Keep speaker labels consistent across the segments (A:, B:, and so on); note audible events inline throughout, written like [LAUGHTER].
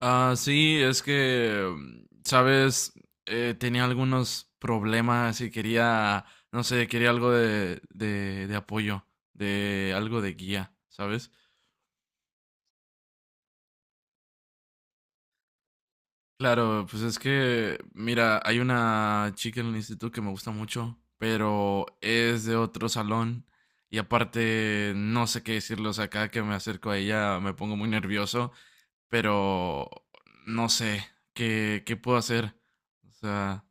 A: Ah, sí, es que, sabes, tenía algunos problemas y quería, no sé, quería algo de apoyo, de algo de guía, ¿sabes? Claro, pues es que, mira, hay una chica en el instituto que me gusta mucho, pero es de otro salón y aparte no sé qué decirle, o sea, cada que me acerco a ella me pongo muy nervioso, pero no sé qué puedo hacer, o sea...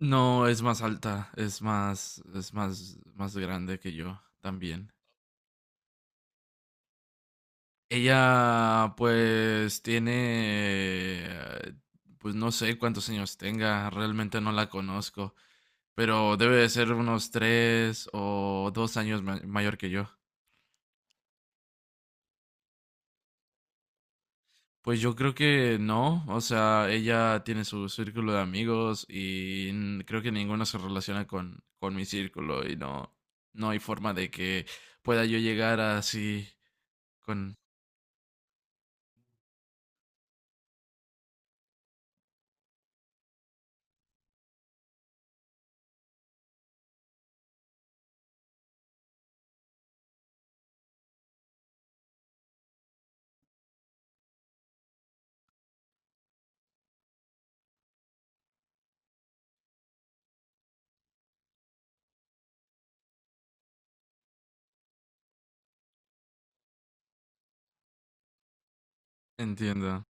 A: No, es más alta, más grande que yo también. Ella, pues, tiene, pues no sé cuántos años tenga, realmente no la conozco, pero debe de ser unos tres o dos años mayor que yo. Pues yo creo que no, o sea, ella tiene su círculo de amigos y creo que ninguno se relaciona con mi círculo y no, no hay forma de que pueda yo llegar así con, entiendo.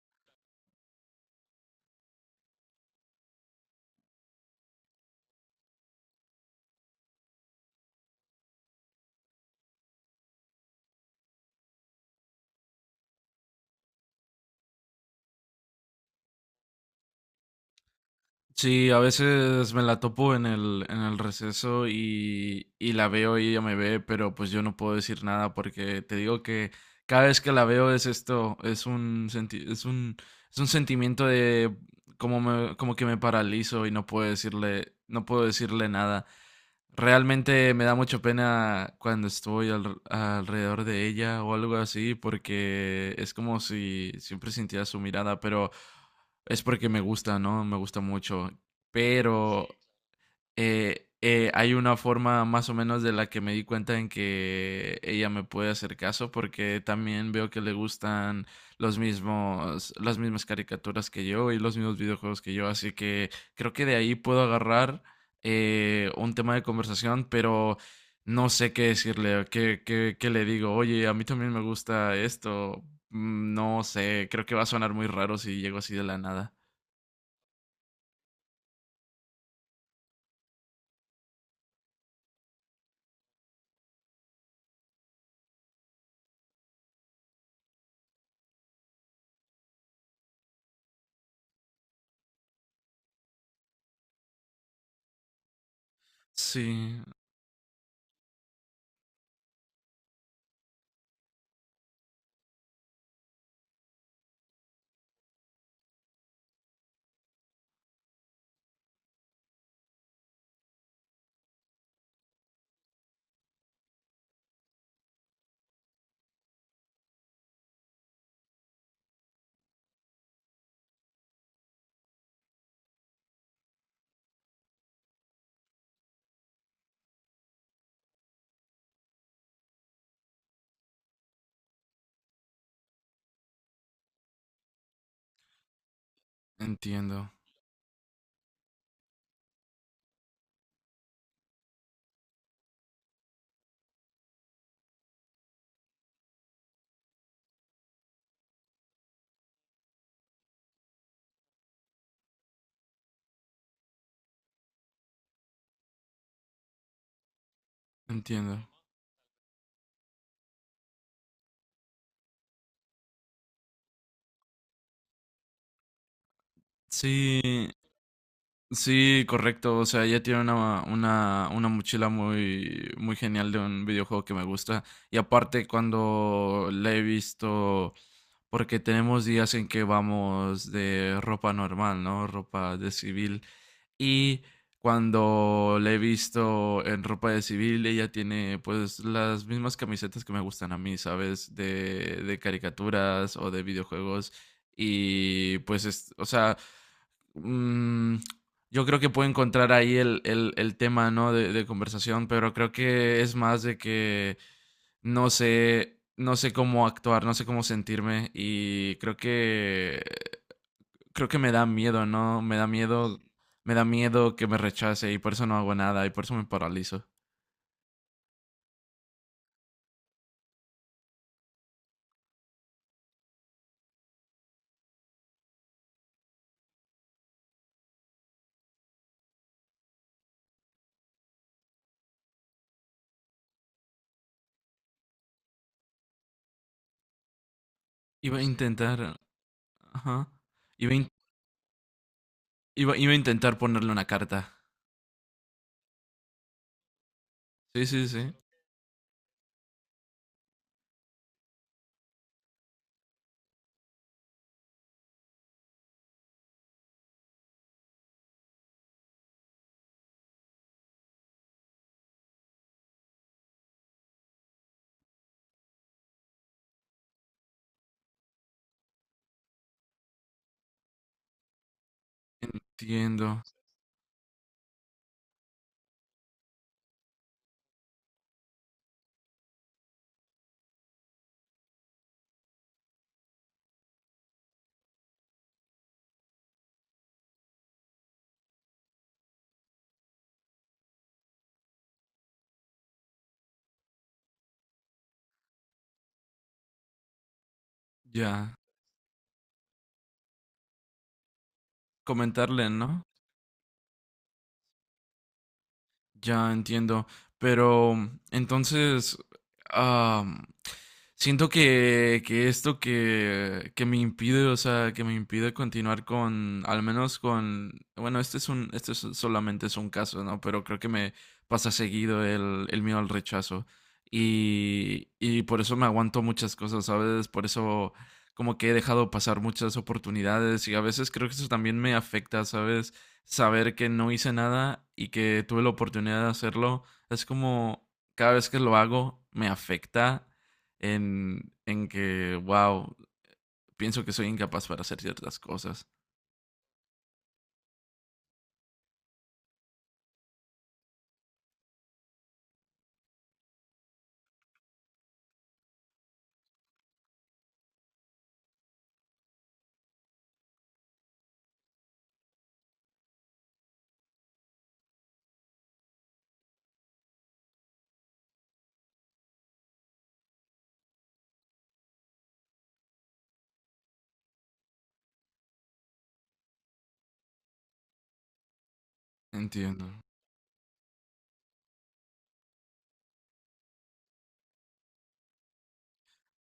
A: Sí, a veces me la topo en el receso y la veo y ella me ve, pero pues yo no puedo decir nada porque te digo que cada vez que la veo es esto, es un sentimiento de como que me paralizo y no puedo decirle, no puedo decirle nada. Realmente me da mucha pena cuando estoy alrededor de ella o algo así, porque es como si siempre sintiera su mirada, pero es porque me gusta, ¿no? Me gusta mucho. Pero hay una forma más o menos de la que me di cuenta en que ella me puede hacer caso porque también veo que le gustan las mismas caricaturas que yo y los mismos videojuegos que yo. Así que creo que de ahí puedo agarrar un tema de conversación, pero no sé qué decirle, o qué le digo. Oye, a mí también me gusta esto. No sé, creo que va a sonar muy raro si llego así de la nada. Sí, entiendo, entiendo. Sí, sí, correcto. O sea, ella tiene una mochila muy, muy genial de un videojuego que me gusta. Y aparte, cuando la he visto, porque tenemos días en que vamos de ropa normal, ¿no? Ropa de civil. Y cuando la he visto en ropa de civil, ella tiene pues las mismas camisetas que me gustan a mí, ¿sabes? De caricaturas o de videojuegos. Y pues, es, o sea, mm, yo creo que puedo encontrar ahí el tema, ¿no? De conversación, pero creo que es más de que no sé, no sé cómo actuar, no sé cómo sentirme y creo que me da miedo, ¿no? Me da miedo que me rechace y por eso no hago nada y por eso me paralizo. Iba a intentar, ajá. Iba a, in- iba a intentar ponerle una carta. Sí, sí, sí. Entiendo. Ya. Comentarle, ¿no? Ya entiendo, pero entonces am, siento que esto que me impide, o sea, que me impide continuar con, al menos con, bueno, este es un, solamente es un caso, ¿no? Pero creo que me pasa seguido el miedo al rechazo y por eso me aguanto muchas cosas, ¿sabes? Por eso como que he dejado pasar muchas oportunidades y a veces creo que eso también me afecta, ¿sabes? Saber que no hice nada y que tuve la oportunidad de hacerlo, es como cada vez que lo hago me afecta en que, wow, pienso que soy incapaz para hacer ciertas cosas. Entiendo.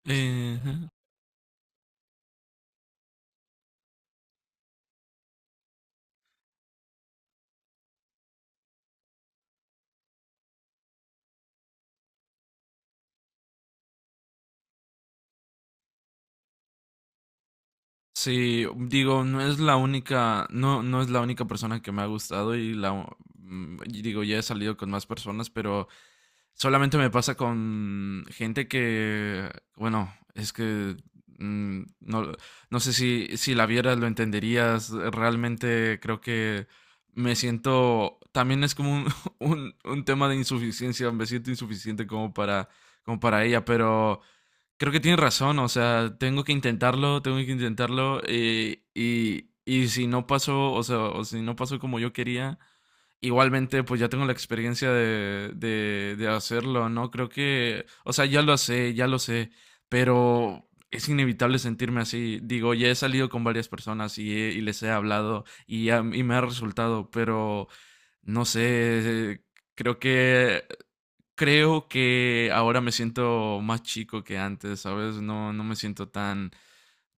A: Eh, sí, digo, no es la única, no es la única persona que me ha gustado y la, y digo, ya he salido con más personas, pero solamente me pasa con gente que, bueno, es que no, no sé si, si la vieras, lo entenderías. Realmente creo que me siento, también es como un, [LAUGHS] un tema de insuficiencia, me siento insuficiente como para, como para ella, pero creo que tienes razón, o sea, tengo que intentarlo y si no pasó, o sea, o si no pasó como yo quería, igualmente, pues ya tengo la experiencia de hacerlo, ¿no? Creo que, o sea, ya lo sé, pero es inevitable sentirme así. Digo, ya he salido con varias personas y, y les he hablado y, y me ha resultado, pero no sé, creo que, creo que ahora me siento más chico que antes, ¿sabes? No, no me siento tan,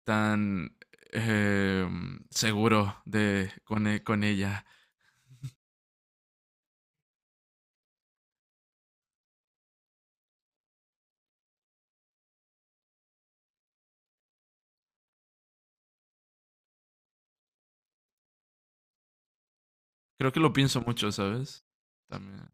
A: tan eh, seguro de, con, con ella. Creo que lo pienso mucho, ¿sabes? También.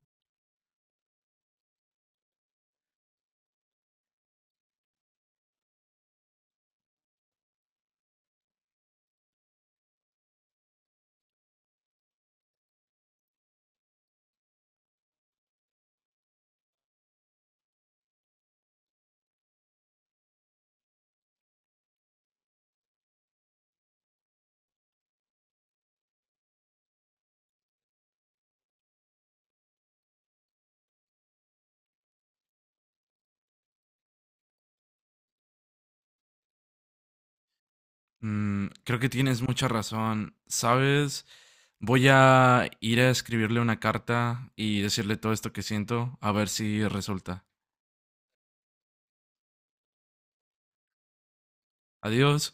A: Creo que tienes mucha razón. ¿Sabes? Voy a ir a escribirle una carta y decirle todo esto que siento, a ver si resulta. Adiós.